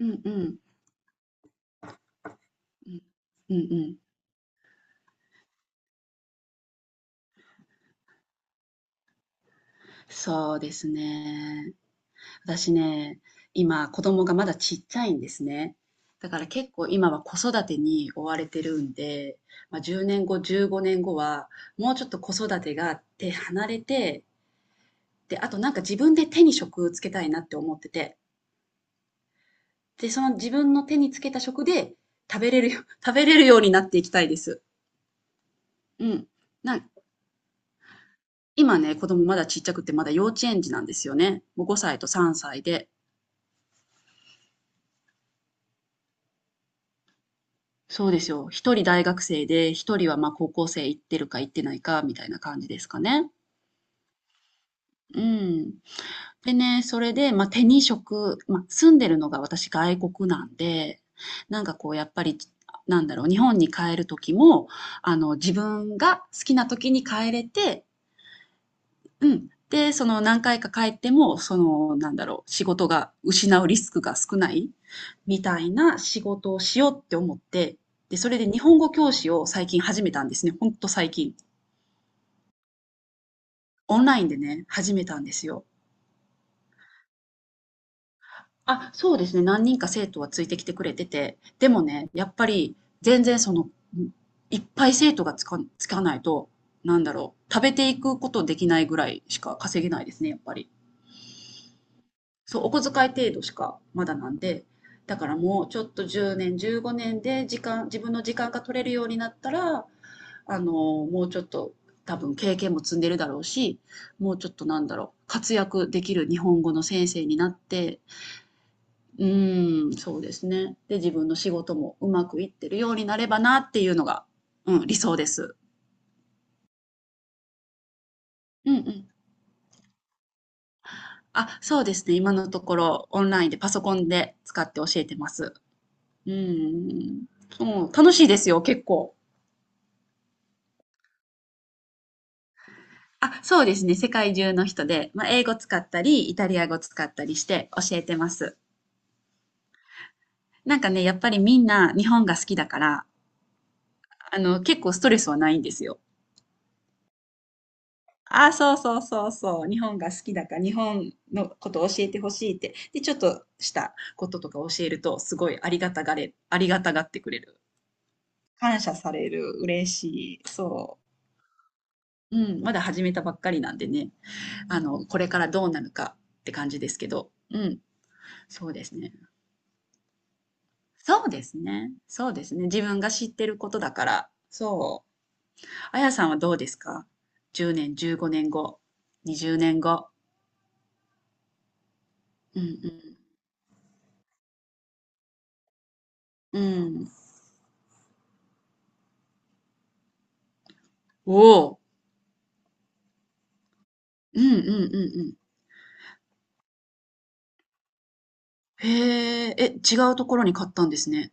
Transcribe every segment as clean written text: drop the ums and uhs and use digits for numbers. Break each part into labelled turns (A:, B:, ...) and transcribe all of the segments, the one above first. A: うんうん。うん。うんうん。そうですね。私ね、今子供がまだちっちゃいんですね。だから結構今は子育てに追われてるんで、まあ、10年後、15年後はもうちょっと子育てが手離れて、で、あと自分で手に職つけたいなって思ってて、で、その自分の手につけた食で食べれるよ、食べれるようになっていきたいです。うん。な、今ね、子供まだちっちゃくてまだ幼稚園児なんですよね。もう5歳と3歳で。そうですよ。一人大学生で、一人はまあ高校生行ってるか行ってないかみたいな感じですかね。うん。でね、それで、まあ、手に職、まあ、住んでるのが私外国なんで、なんかこうやっぱり、なんだろう、日本に帰る時も、自分が好きな時に帰れて、うん。で、その何回か帰っても、その、なんだろう、仕事が失うリスクが少ないみたいな仕事をしようって思って、で、それで日本語教師を最近始めたんですね。ほんと最近。オンラインでね、始めたんですよ。あ、そうですね。何人か生徒はついてきてくれてて、でもね、やっぱり全然その、いっぱい生徒がつかないと、なんだろう、食べていくことできないぐらいしか稼げないですね、やっぱり。そう、お小遣い程度しかまだなんで、だからもうちょっと10年、15年で時間、自分の時間が取れるようになったら、あの、もうちょっと多分経験も積んでるだろうし、もうちょっとなんだろう、活躍できる日本語の先生になって、うーん、そうですね。で、自分の仕事もうまくいってるようになればなっていうのが、うん、理想です。うんうん。あ、そうですね。今のところオンラインでパソコンで使って教えてます。うん。そう、楽しいですよ、結構。あ、そうですね。世界中の人で、まあ、英語使ったり、イタリア語使ったりして教えてます。なんかね、やっぱりみんな日本が好きだから、あの、結構ストレスはないんですよ。あ、そうそうそうそう。日本が好きだから、日本のことを教えてほしいって。で、ちょっとしたこととか教えると、すごいありがたがれ、ありがたがってくれる。感謝される。嬉しい。そう。うん。まだ始めたばっかりなんでね。あの、これからどうなるかって感じですけど、うん、そうですね。そうですね。自分が知ってることだから。そう。あやさんはどうですか？ 10 年、15年後、20年後。うんうん。うん。おお。うんうんうんうん。へえ、え、違うところに買ったんですね。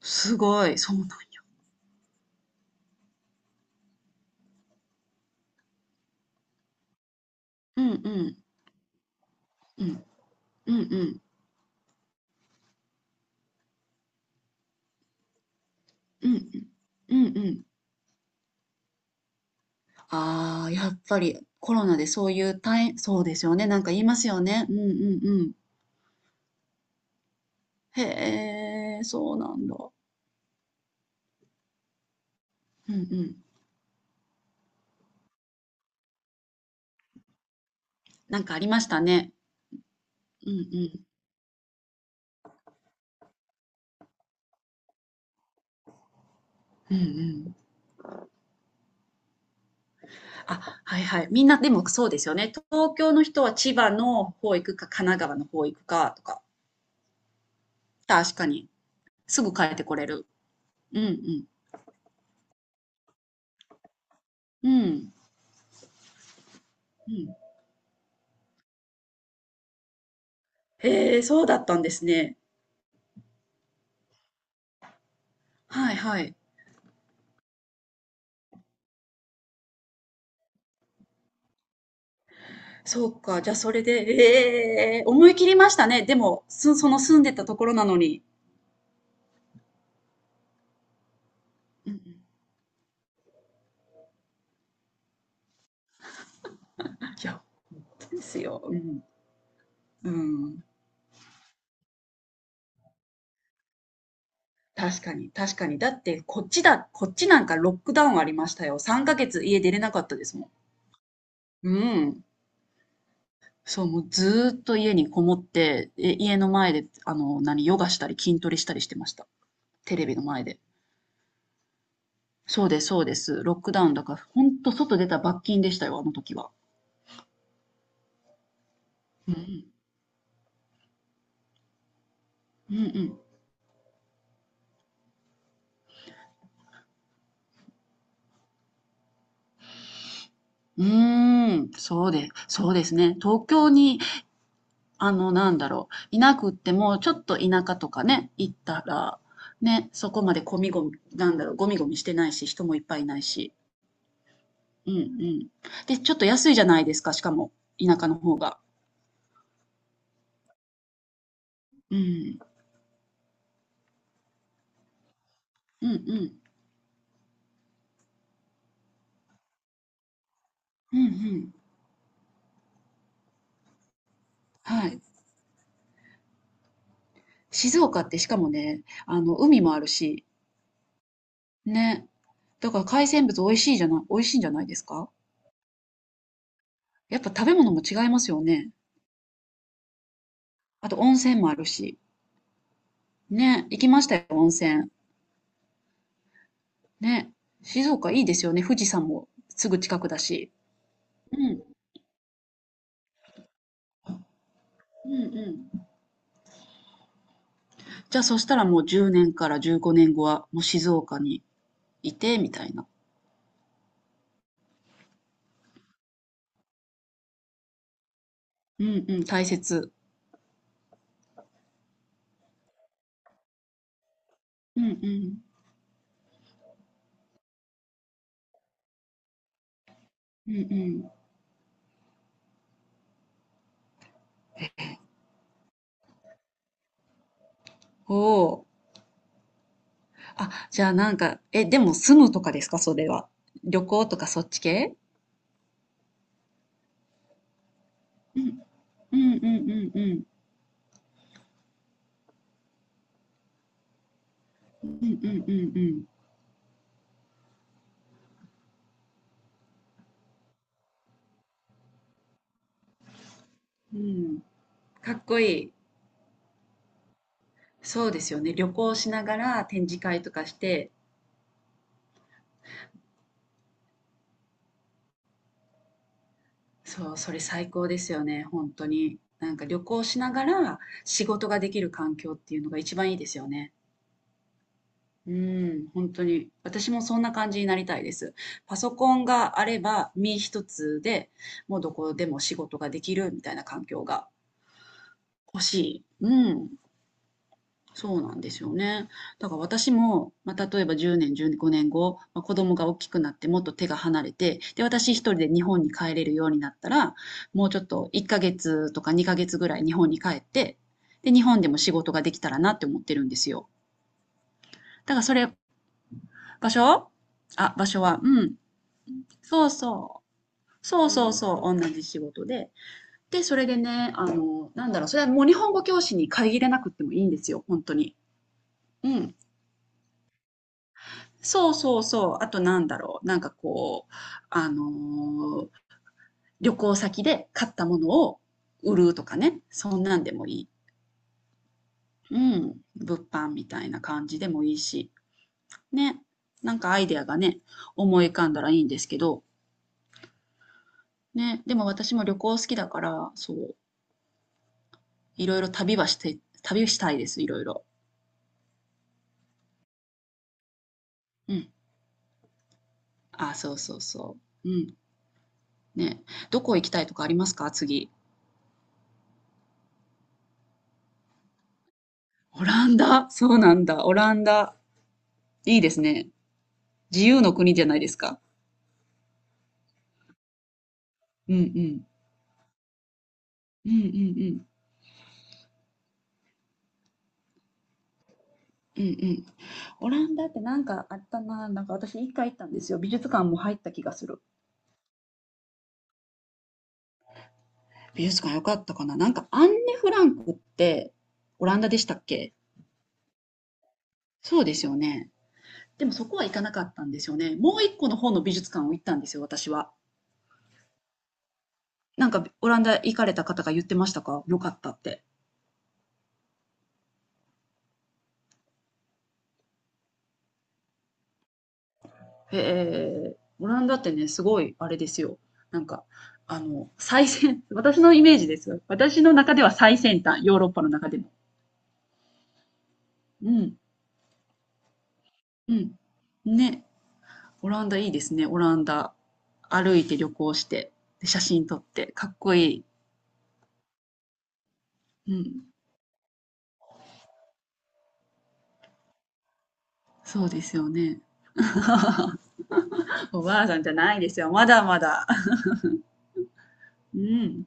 A: すごい。そうなんや。うんうん。うん。うんうん。うんうん。うんうん。ああ、やっぱりコロナでそういう大そうですよね。なんか言いますよね。うんうんうん。へえ、そうなんだ。うんうん。なんかありましたね。うんうん。うんうん。あ、はいはい。みんなでもそうですよね。東京の人は千葉の方行くか、神奈川の方行くかとか。確かに。すぐ帰ってこれる。うんうん。うん。うん。へえ、そうだったんですね。はいはい。そうか、じゃあそれで、ええ、思い切りましたね。でも、すその住んでたところなのに。うんうん。いや、ほんですよ。うん。うん。確かに、確かに。だってこっちだこっちなんかロックダウンありましたよ。3ヶ月家出れなかったですもん。うん。そう、もうずーっと家にこもって、え、家の前で、ヨガしたり筋トレしたりしてました。テレビの前で。そうです。ロックダウンだから、ほんと外出た罰金でしたよ、あの時は。うん。うんうん。うーん、そうですね。東京に、あの、なんだろう、いなくっても、ちょっと田舎とかね、行ったら、ね、そこまでゴミゴミ、なんだろう、ゴミゴミしてないし、人もいっぱいいないし。うんうん。で、ちょっと安いじゃないですか、しかも、田舎の方が。うん。うんうん。うんうん。はい。静岡ってしかもね、あの、海もあるし、ね。だから海鮮物美味しいじゃない、美味しいんじゃないですか？やっぱ食べ物も違いますよね。あと温泉もあるし。ね、行きましたよ、温泉。ね。静岡いいですよね、富士山もすぐ近くだし。うん、うんうん。じゃあそしたらもう10年から15年後はもう静岡にいて、みたいな。うんうん、大切。うんうん。うんうん。おお。あ、じゃあなんか、え、でも住むとかですか、それは。旅行とかそっち系？うん。うんうんうんうん。うんうんうんうん。うん。かっこいい。そうですよね。旅行しながら展示会とかして、そう、それ最高ですよね、本当に。なんか旅行しながら仕事ができる環境っていうのが一番いいですよね。うん、本当に。私もそんな感じになりたいです。パソコンがあれば身一つで、もうどこでも仕事ができるみたいな環境が欲しい。うん。そうなんですよね。だから私も、まあ、例えば10年、15年後、まあ、子供が大きくなってもっと手が離れて、で、私一人で日本に帰れるようになったら、もうちょっと1ヶ月とか2ヶ月ぐらい日本に帰って、で、日本でも仕事ができたらなって思ってるんですよ。だから場所？あ、場所は、うん。そうそう。そうそうそう。同じ仕事で。で、それでね、あの、なんだろう、それはもう日本語教師に限らなくってもいいんですよ。本当に。うん。そうそうそう。あとなんだろう。なんかこう、あのー旅行先で買ったものを売るとかね。そんなんでもいい。うん。物販みたいな感じでもいいし。ね。なんかアイデアがね、思い浮かんだらいいんですけど。ね。でも私も旅行好きだから、そう。いろいろ旅はして、旅したいです。いろいろ。うん。あ、そうそうそう。うん。ね。どこ行きたいとかありますか、次？オランダ。そうなんだ。オランダ。いいですね。自由の国じゃないですか。うんうん。うんうんうん。うんうん。オランダってなんかあったな。なんか私一回行ったんですよ。美術館も入った気がする。美術館良かったかな。なんかアンネ・フランクってオランダでしたっけ？そうですよね。でもそこは行かなかったんですよね。もう一個の方の美術館を行ったんですよ、私は。なんかオランダ行かれた方が言ってましたか、良かったって。ええ、オランダってね、すごいあれですよ。なんか、私のイメージですよ。私の中では最先端、ヨーロッパの中でも。うん、うん。ね、オランダいいですね、オランダ。歩いて旅行して、で、写真撮って、かっこいい。うん、そうですよね。おばあさんじゃないですよ、まだまだ。うん、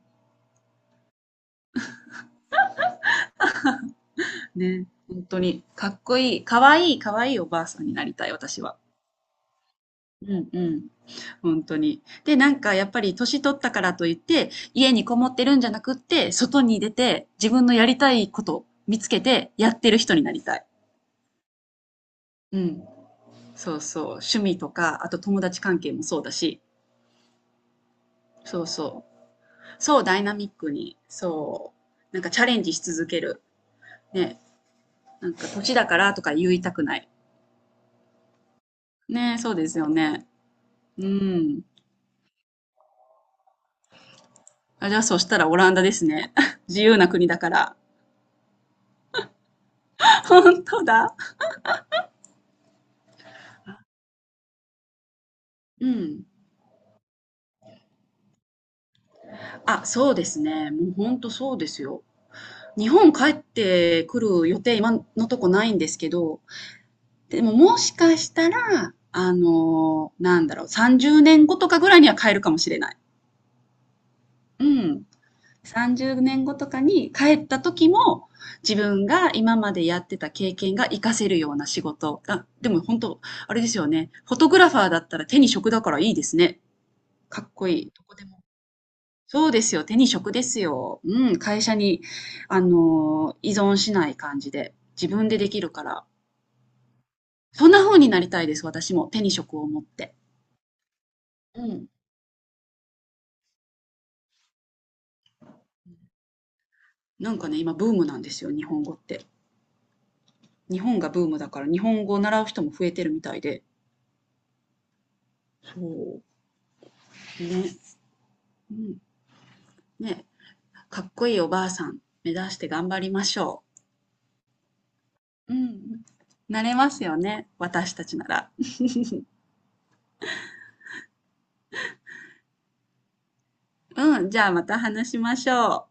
A: ね、本当に、かっこいい、かわいい、かわいいおばあさんになりたい、私は。うんうん。本当に。で、なんかやっぱり年取ったからといって、家にこもってるんじゃなくって、外に出て自分のやりたいこと見つけてやってる人になりたい。うん。そうそう。趣味とか、あと友達関係もそうだし。そうそう。そう、ダイナミックに。そう。なんかチャレンジし続ける。ね。なんか年だからとか言いたくない。ね、そうですよね。うん。あ、じゃあそしたらオランダですね。自由な国だから。本当だ。うん。あ、そうですね。もうほんとそうですよ。日本帰ってくる予定、今のとこないんですけど、でももしかしたら、あの、なんだろう、30年後とかぐらいには帰るかもしれない。うねん。30年後とかに帰った時も、自分が今までやってた経験が活かせるような仕事。あ、でも本当、あれですよね。フォトグラファーだったら手に職だからいいですね。かっこいい。そうですよ。手に職ですよ。うん、会社に、依存しない感じで、自分でできるから。そんな風になりたいです、私も。手に職を持って。うん。なんかね、今ブームなんですよ、日本語って。日本がブームだから、日本語を習う人も増えてるみたいで。そう。ね。うん。ね。かっこいいおばあさん、目指して頑張りましょう。うん。なれますよね、私たちなら。うん、じゃあまた話しましょう。